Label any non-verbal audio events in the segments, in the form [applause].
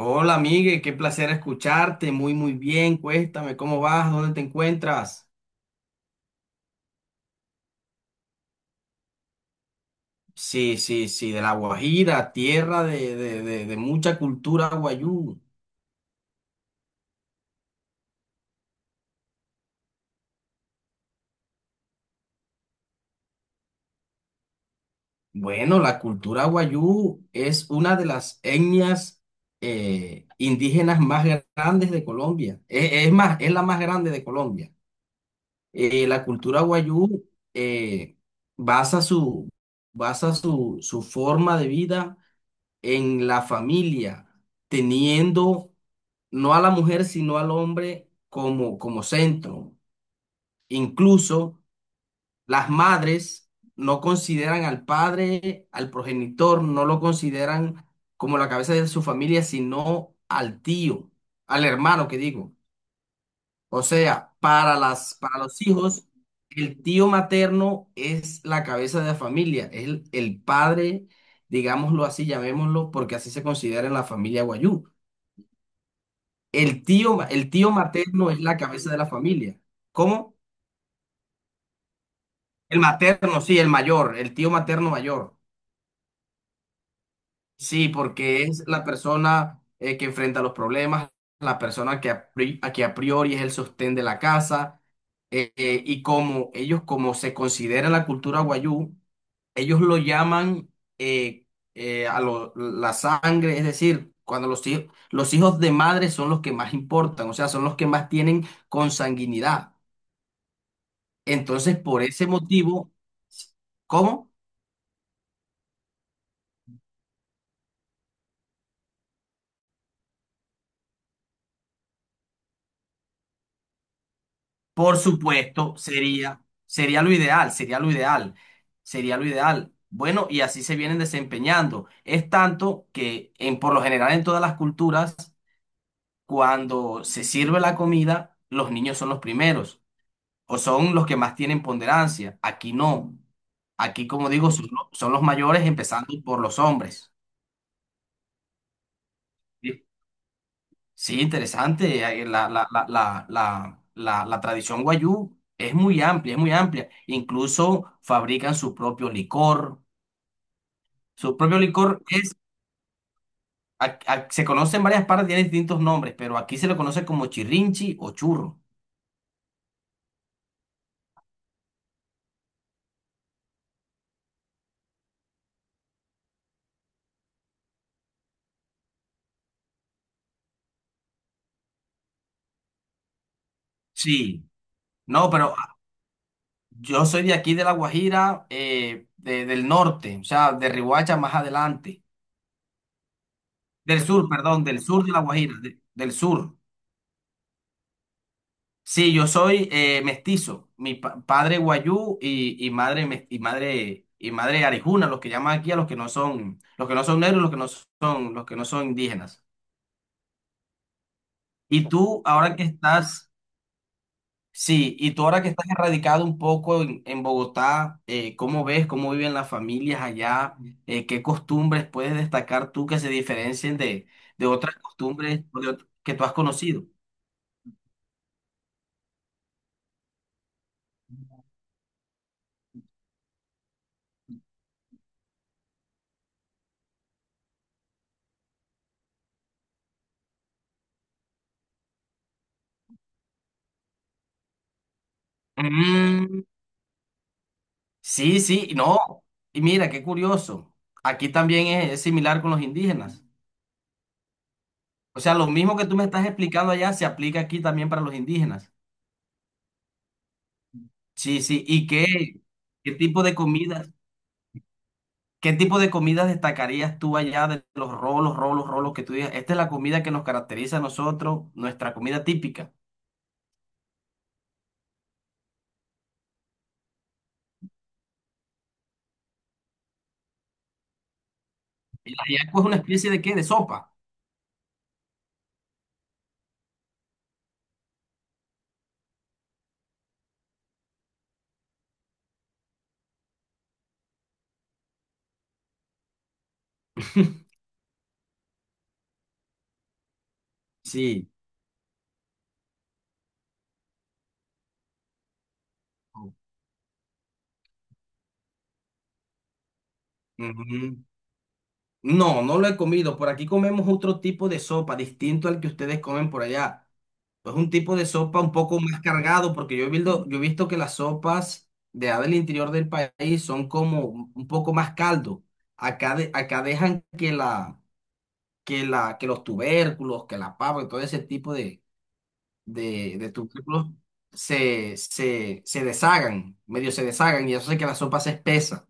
Hola, Migue, qué placer escucharte. Muy, muy bien. Cuéntame, ¿cómo vas? ¿Dónde te encuentras? Sí, sí, sí, de La Guajira, tierra de mucha cultura guayú. Bueno, la cultura guayú es una de las etnias indígenas más grandes de Colombia. Es la más grande de Colombia. La cultura guayú basa su, basa su, su forma de vida en la familia, teniendo no a la mujer, sino al hombre como, como centro. Incluso las madres no consideran al padre, al progenitor, no lo consideran como la cabeza de su familia, sino al tío, al hermano que digo. O sea, para las, para los hijos, el tío materno es la cabeza de la familia, es el padre, digámoslo así, llamémoslo, porque así se considera en la familia Guayú. El tío, el tío materno es la cabeza de la familia. ¿Cómo? El materno, sí, el mayor, el tío materno mayor. Sí, porque es la persona que enfrenta los problemas, la persona que a, a que a priori es el sostén de la casa. Y como ellos, como se considera en la cultura guayú, ellos lo llaman eh, a la sangre, es decir, cuando los hijos de madre son los que más importan, o sea, son los que más tienen consanguinidad. Entonces, por ese motivo, ¿cómo? Por supuesto, sería, sería lo ideal, sería lo ideal, sería lo ideal. Bueno, y así se vienen desempeñando. Es tanto que en, por lo general en todas las culturas, cuando se sirve la comida, los niños son los primeros o son los que más tienen ponderancia. Aquí no. Aquí, como digo, son, son los mayores, empezando por los hombres. ¿Sí? Sí, interesante. La tradición guayú es muy amplia, es muy amplia. Incluso fabrican su propio licor. Su propio licor es, se conoce en varias partes, tiene distintos nombres, pero aquí se lo conoce como chirrinchi o churro. Sí, no, pero yo soy de aquí, de La Guajira, del norte, o sea, de Riohacha más adelante. Del sur, perdón, del sur de La Guajira, del sur. Sí, yo soy mestizo. Mi padre guayú y madre y madre arijuna, los que llaman aquí a los que no son, los que no son negros, los que no son, los que no son indígenas. Y tú ahora que estás, sí, y tú ahora que estás erradicado un poco en Bogotá, ¿cómo ves cómo viven las familias allá? ¿Qué costumbres puedes destacar tú que se diferencien de otras costumbres o de que tú has conocido? Sí, sí, no. Y mira, qué curioso. Aquí también es similar con los indígenas. O sea, lo mismo que tú me estás explicando allá se aplica aquí también para los indígenas. Sí, sí. ¿Qué tipo de comidas, qué tipo de comidas destacarías tú allá de los rolos, rolos, rolos que tú digas? Esta es la comida que nos caracteriza a nosotros, nuestra comida típica. ¿Y la ajiaco es una especie de qué? De sopa. [laughs] Sí. Ujú. No, no lo he comido. Por aquí comemos otro tipo de sopa distinto al que ustedes comen por allá. Es un tipo de sopa un poco más cargado, porque yo he visto que las sopas de allá del interior del país son como un poco más caldo. Acá, acá dejan que, la, que, la, que los tubérculos, que la papa, y todo ese tipo de, de tubérculos se, se, se deshagan, medio se deshagan, y eso hace que la sopa se espesa.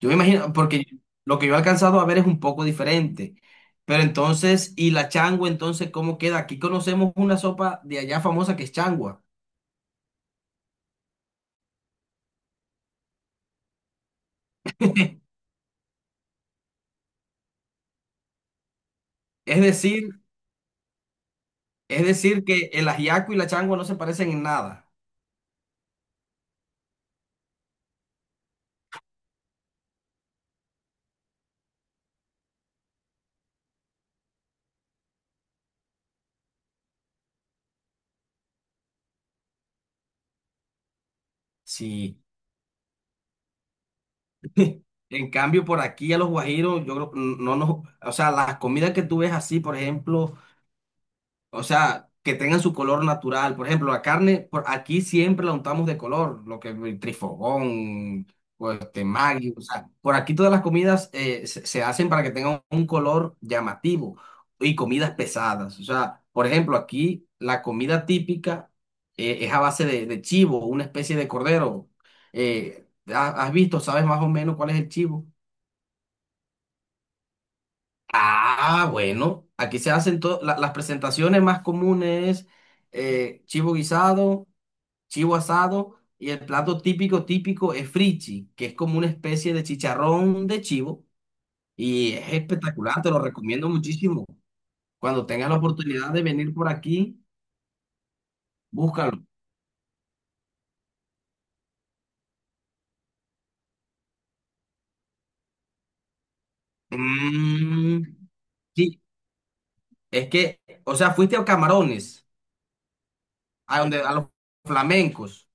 Yo me imagino, porque lo que yo he alcanzado a ver es un poco diferente. Pero entonces, ¿y la changua entonces cómo queda? Aquí conocemos una sopa de allá famosa que es changua. Es decir, es decir que el ajiaco y la changua no se parecen en nada. Sí, [laughs] en cambio, por aquí a los guajiros, yo creo que no nos, o sea, las comidas que tú ves así, por ejemplo, o sea, que tengan su color natural. Por ejemplo, la carne, por aquí siempre la untamos de color, lo que es el trifogón, o este Maggi, o sea, por aquí todas las comidas se hacen para que tengan un color llamativo y comidas pesadas. O sea, por ejemplo, aquí la comida típica es a base de chivo, una especie de cordero. ¿Has visto, sabes más o menos cuál es el chivo? Ah, bueno, aquí se hacen las presentaciones más comunes, chivo guisado, chivo asado y el plato típico típico es frichi, que es como una especie de chicharrón de chivo y es espectacular, te lo recomiendo muchísimo. Cuando tengas la oportunidad de venir por aquí, búscalo. Mm, sí, es que, o sea, fuiste a Camarones, a donde a los flamencos.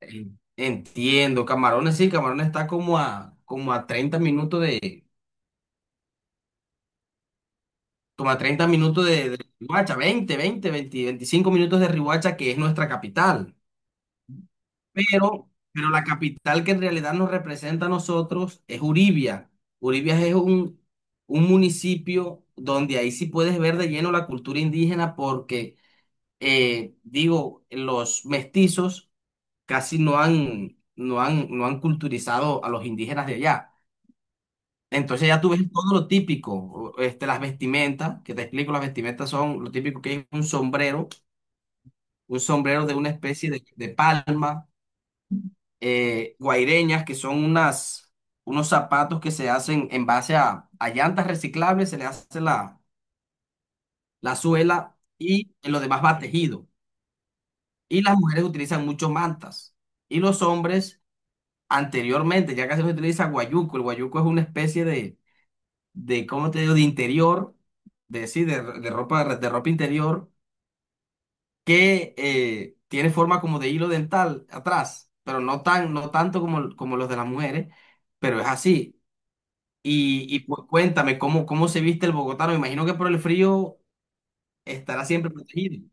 Entiendo, Camarones sí, Camarones está como a, como a 30 minutos de, como a 30 minutos de Riohacha, 20 20, 20, 25 minutos de Riohacha, que es nuestra capital. Pero la capital que en realidad nos representa a nosotros es Uribia. Uribia es un municipio donde ahí sí puedes ver de lleno la cultura indígena porque, digo, los mestizos casi no han, no han, no han culturizado a los indígenas de allá. Entonces ya tú ves todo lo típico, este, las vestimentas, que te explico, las vestimentas son lo típico que es un sombrero de una especie de palma, guaireñas, que son unas, unos zapatos que se hacen en base a llantas reciclables, se le hace la, la suela y lo demás va tejido. Y las mujeres utilizan mucho mantas. Y los hombres, anteriormente, ya casi no se utiliza guayuco, el guayuco es una especie de, ¿cómo te digo?, de interior, de, sí, de ropa interior, que tiene forma como de hilo dental atrás, pero no tan, no tanto como, como los de las mujeres, pero es así. Y pues cuéntame, ¿cómo, cómo se viste el bogotano? Me imagino que por el frío estará siempre protegido.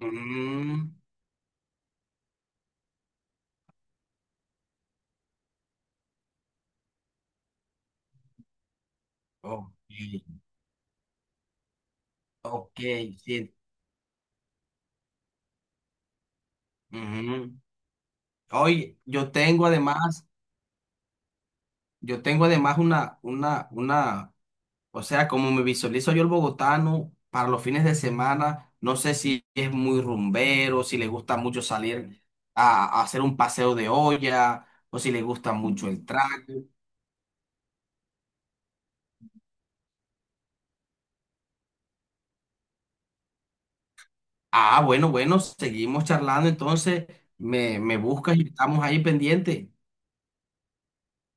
Mm, ok, ok, sí. Ujú. Oye, yo tengo además una o sea, como me visualizo yo el bogotano para los fines de semana, no sé si es muy rumbero, si le gusta mucho salir a hacer un paseo de olla o si le gusta mucho el trago. Ah, bueno, bueno, seguimos charlando entonces, me buscas y estamos ahí pendientes.